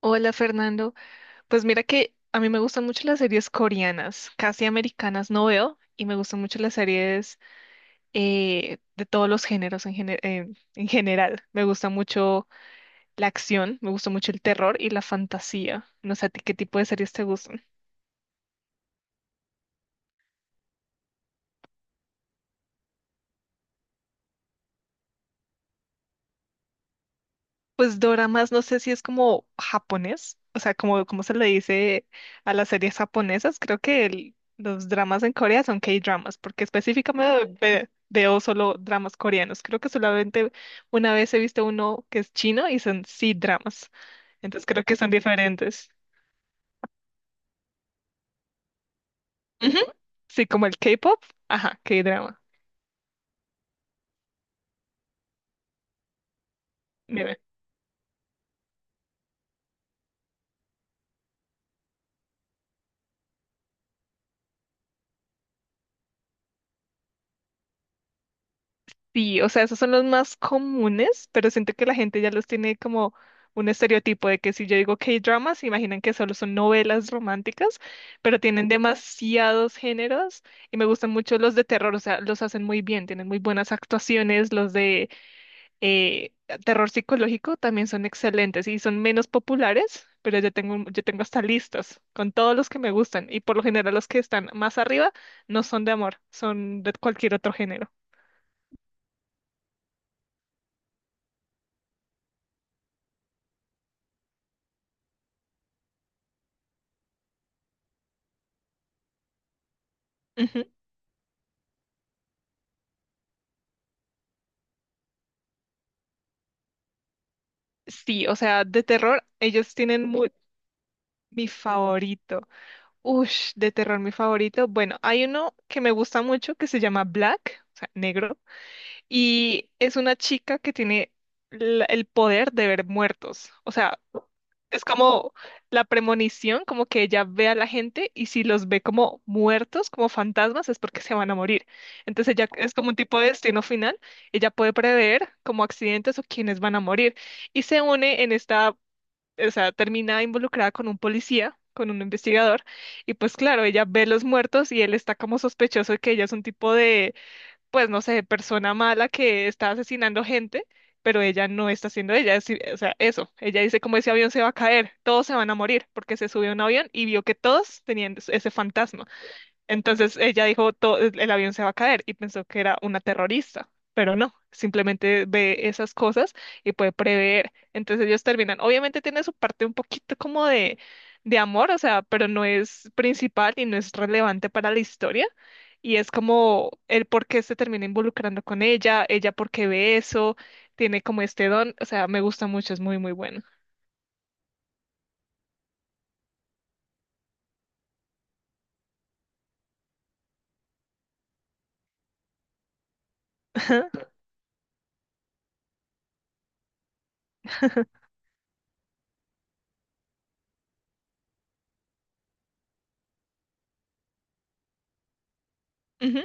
Hola Fernando, pues mira que a mí me gustan mucho las series coreanas, casi americanas no veo y me gustan mucho las series de todos los géneros en general. Me gusta mucho la acción, me gusta mucho el terror y la fantasía. No sé a ti qué tipo de series te gustan. Pues doramas, no sé si es como japonés, o sea, como se le dice a las series japonesas, creo que los dramas en Corea son K-dramas, porque específicamente veo solo dramas coreanos. Creo que solamente una vez he visto uno que es chino y son C-dramas, entonces creo que son diferentes. Ujú. Sí, como el K-pop, ajá, K-drama. Sí, o sea, esos son los más comunes, pero siento que la gente ya los tiene como un estereotipo de que si yo digo K-dramas, se imaginan que solo son novelas románticas, pero tienen demasiados géneros y me gustan mucho los de terror, o sea, los hacen muy bien, tienen muy buenas actuaciones, los de eh, terror psicológico también son excelentes y son menos populares, pero yo tengo hasta listas con todos los que me gustan y por lo general los que están más arriba no son de amor, son de cualquier otro género. Sí, o sea, de terror, ellos tienen mi favorito. Ush, de terror, mi favorito. Bueno, hay uno que me gusta mucho que se llama Black, o sea, negro, y es una chica que tiene el poder de ver muertos. O sea, es como la premonición, como que ella ve a la gente y si los ve como muertos, como fantasmas, es porque se van a morir. Entonces ella es como un tipo de destino final. Ella puede prever como accidentes o quienes van a morir. Y se une en esta, o sea, termina involucrada con un policía, con un investigador, y pues claro, ella ve los muertos y él está como sospechoso de que ella es un tipo de, pues no sé, persona mala que está asesinando gente, pero ella no está haciendo ella, o sea, eso, ella dice como ese avión se va a caer, todos se van a morir porque se subió a un avión y vio que todos tenían ese fantasma. Entonces ella dijo, "El avión se va a caer" y pensó que era una terrorista, pero no, simplemente ve esas cosas y puede prever. Entonces ellos terminan, obviamente tiene su parte un poquito como de, amor, o sea, pero no es principal y no es relevante para la historia. Y es como el por qué se termina involucrando con ella, ella por qué ve eso, tiene como este don, o sea, me gusta mucho, es muy, muy bueno. Ujú,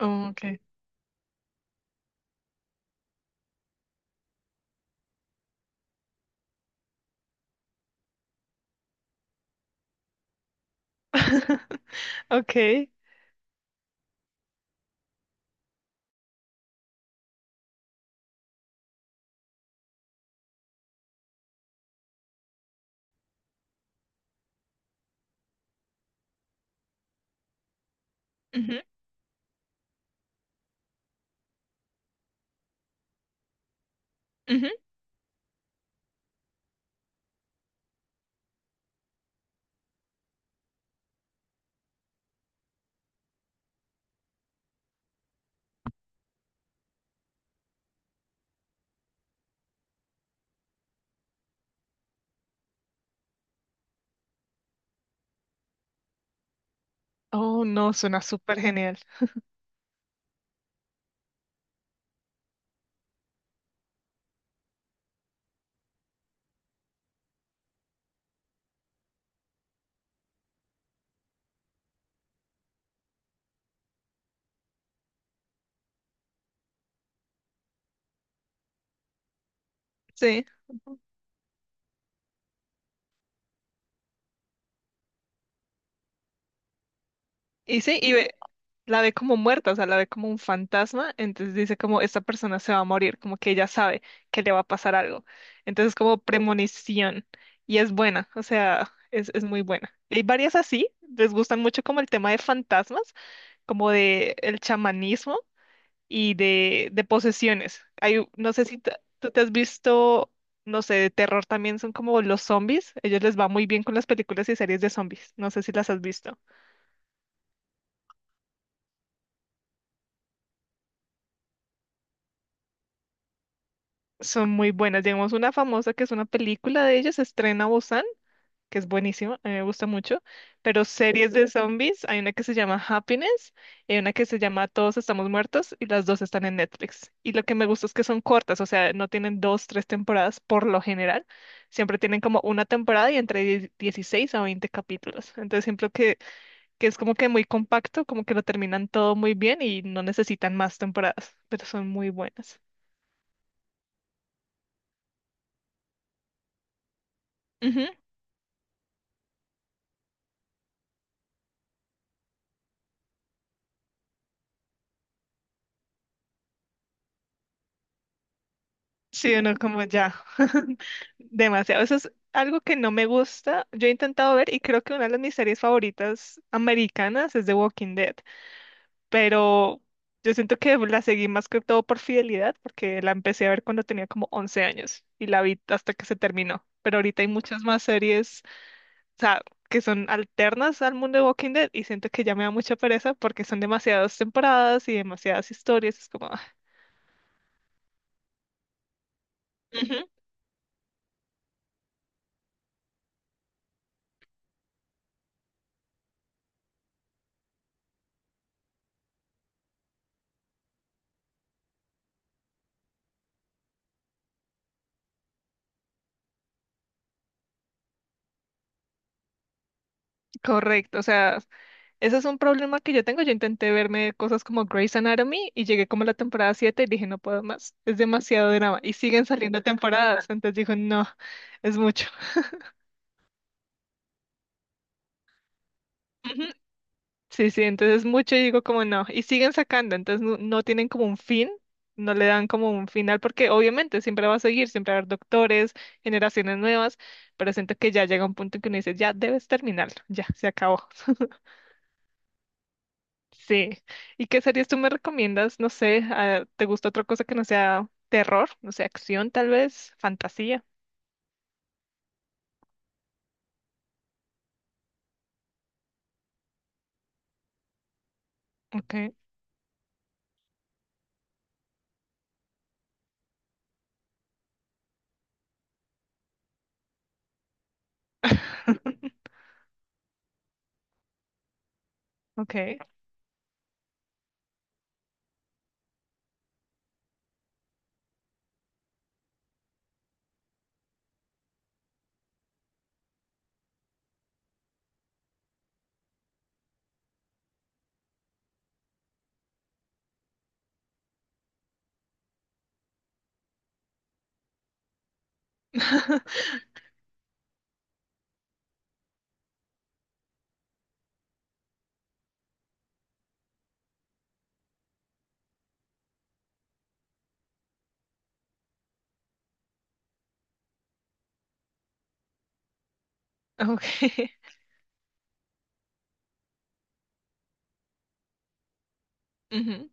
oh, ok. Ok. Ujú, ujú. Oh, no, suena súper genial. Sí. Ujú. Y sí, la ve como muerta, o sea, la ve como un fantasma, entonces dice como esta persona se va a morir, como que ella sabe que le va a pasar algo. Entonces como premonición y es buena, o sea, es muy buena. Hay varias así, les gustan mucho como el tema de fantasmas, como de el chamanismo y de posesiones. Hay, no sé si tú te has visto, no sé, de terror también son como los zombies. Ellos les va muy bien con las películas y series de zombies. No sé si las has visto. Son muy buenas. Digamos, una famosa que es una película de ellos, se estrena, que es buenísima, a mí me gusta mucho, pero series de zombies, hay una que se llama Happiness y hay una que se llama Todos estamos muertos y las dos están en Netflix. Y lo que me gusta es que son cortas, o sea, no tienen dos, tres temporadas por lo general, siempre tienen como una temporada y entre 16 a 20 capítulos. Entonces siempre que es como que muy compacto, como que lo terminan todo muy bien y no necesitan más temporadas, pero son muy buenas. Sí, uno como ya, demasiado. Eso es algo que no me gusta. Yo he intentado ver y creo que una de mis series favoritas americanas es The Walking Dead, pero yo siento que la seguí más que todo por fidelidad, porque la empecé a ver cuando tenía como 11 años y la vi hasta que se terminó. Pero ahorita hay muchas más series, o sea, que son alternas al mundo de Walking Dead y siento que ya me da mucha pereza porque son demasiadas temporadas y demasiadas historias. Es como, ah. Ujú. Correcto. O sea, ese es un problema que yo tengo. Yo intenté verme cosas como Grey's Anatomy y llegué como a la temporada 7 y dije, no puedo más, es demasiado drama. Y siguen saliendo temporadas, entonces digo, no, es mucho. Ujú. Sí, sí, entonces es mucho y digo como no. Y siguen sacando, entonces no, no tienen como un fin, no le dan como un final, porque obviamente siempre va a seguir, siempre va a haber doctores, generaciones nuevas, pero siento que ya llega un punto en que uno dice, ya debes terminarlo, ya se acabó. Sí. ¿Y qué series tú me recomiendas? No sé, ah, ¿te gusta otra cosa que no sea terror? No sé, acción tal vez, fantasía. Okay. Okay. Okay. Ujú.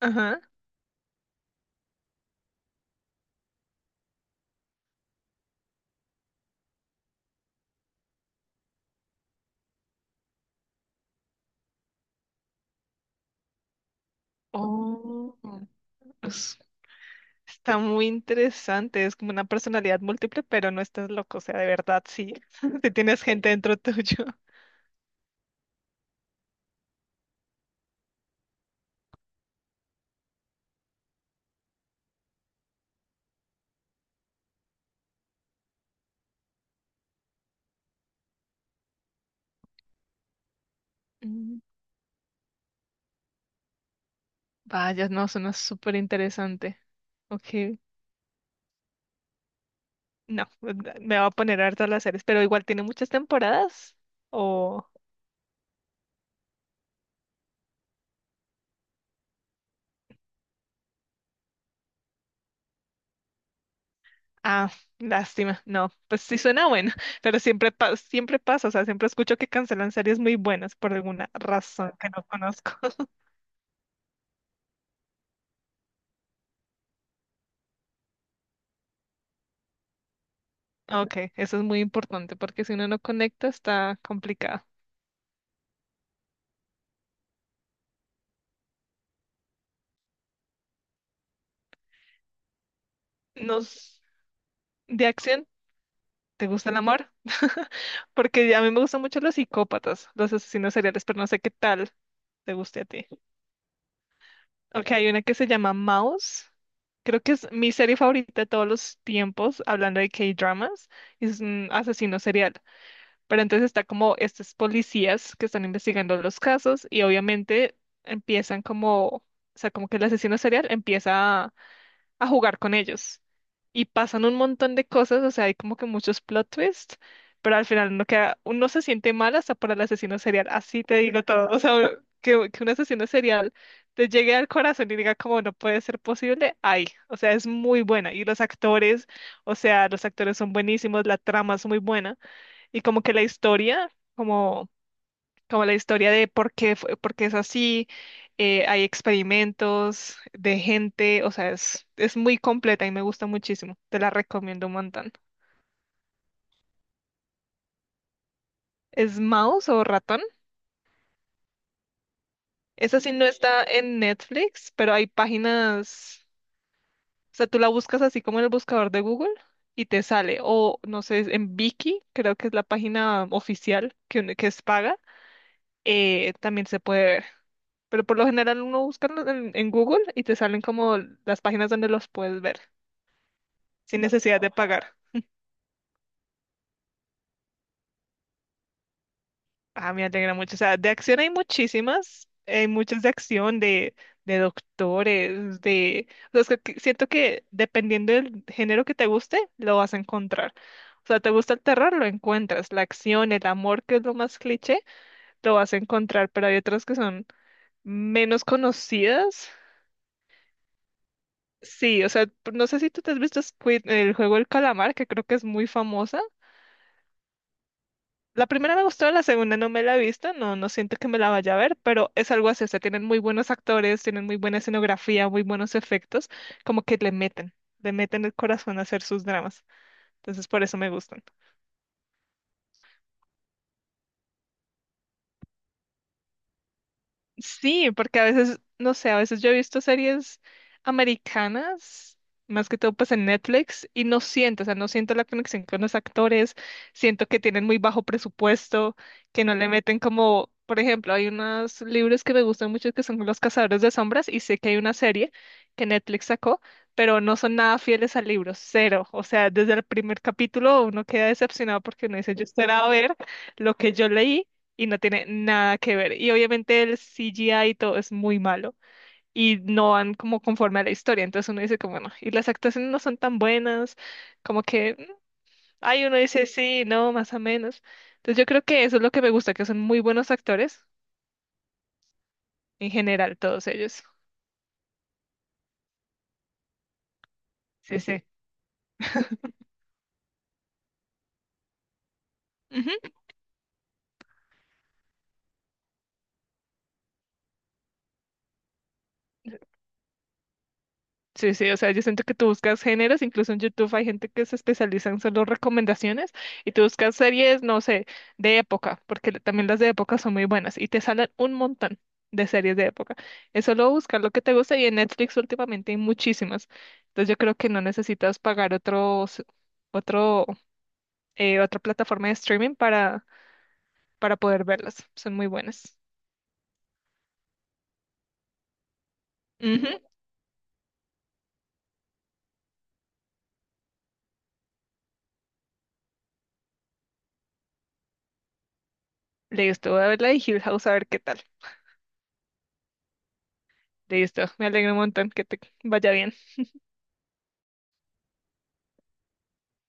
Ajá. Oh. es- Está muy interesante, es como una personalidad múltiple, pero no estás loco, o sea, de verdad sí, te tienes gente dentro tuyo. Mm. Vaya, no, suena súper interesante. Ok. No, me va a poner harto a las series, pero igual tiene muchas temporadas. O. Ah, lástima. No, pues sí suena bueno, pero siempre, siempre pasa. O sea, siempre escucho que cancelan series muy buenas por alguna razón que no conozco. Ok, eso es muy importante porque si uno no conecta está complicado. Nos. De acción, ¿te gusta el amor? Porque a mí me gustan mucho los psicópatas, los asesinos seriales, pero no sé qué tal te guste a ti. Ok, hay una que se llama Mouse. Creo que es mi serie favorita de todos los tiempos, hablando de K-dramas, es un asesino serial. Pero entonces está como estos policías que están investigando los casos y obviamente empiezan como, o sea, como que el asesino serial empieza a jugar con ellos. Y pasan un montón de cosas, o sea, hay como que muchos plot twists, pero al final uno queda, uno se siente mal hasta para el asesino serial, así te digo todo. O sea, que un asesino serial te llegue al corazón y diga como no puede ser posible, ay, o sea, es muy buena. Y los actores, o sea, los actores son buenísimos, la trama es muy buena. Y como que la historia, como como la historia de por qué, por qué es así, hay experimentos de gente, o sea, es muy completa y me gusta muchísimo, te la recomiendo un montón. ¿Es mouse o ratón? Esa sí no está en Netflix, pero hay páginas, o sea, tú la buscas así como en el buscador de Google y te sale, o no sé, en Viki, creo que es la página oficial que es paga, también se puede ver. Pero por lo general uno busca en Google y te salen como las páginas donde los puedes ver, sin necesidad de pagar. Ah, me alegra mucho. O sea, de acción hay muchísimas, hay muchas de acción, de doctores, o sea, es que siento que dependiendo del género que te guste, lo vas a encontrar. O sea, te gusta el terror, lo encuentras. La acción, el amor, que es lo más cliché, lo vas a encontrar. Pero hay otras que son menos conocidas. Sí, o sea, no sé si tú te has visto Squid, el juego El Calamar, que creo que es muy famosa. La primera me gustó, la segunda no me la he visto, no, no siento que me la vaya a ver, pero es algo así, o sea, tienen muy buenos actores, tienen muy buena escenografía, muy buenos efectos, como que le meten el corazón a hacer sus dramas. Entonces, por eso me gustan. Sí, porque a veces, no sé, a veces yo he visto series americanas, más que todo pues en Netflix, y no siento, o sea, no siento la conexión con los actores, siento que tienen muy bajo presupuesto, que no le meten como, por ejemplo, hay unos libros que me gustan mucho que son Los Cazadores de Sombras, y sé que hay una serie que Netflix sacó, pero no son nada fieles al libro, cero. O sea, desde el primer capítulo uno queda decepcionado porque uno dice, yo esperaba ver lo que yo leí y no tiene nada que ver. Y obviamente el CGI y todo es muy malo y no van como conforme a la historia. Entonces uno dice como, bueno, y las actuaciones no son tan buenas, como que, ay, uno dice sí, no, más o menos. Entonces yo creo que eso es lo que me gusta, que son muy buenos actores en general, todos ellos. Sí, sí. Ujú. Sí, sí, o sea, yo siento que tú buscas géneros, incluso en YouTube hay gente que se especializa en solo recomendaciones y tú buscas series, no sé, de época, porque también las de época son muy buenas y te salen un montón de series de época. Es solo buscar lo que te gusta y en Netflix últimamente hay muchísimas. Entonces yo creo que no necesitas pagar otros, otro, otra plataforma de streaming para poder verlas. Son muy buenas. Ujú. Listo, voy a ver la de Hill House a ver qué tal. Listo, me alegro un montón que te vaya bien.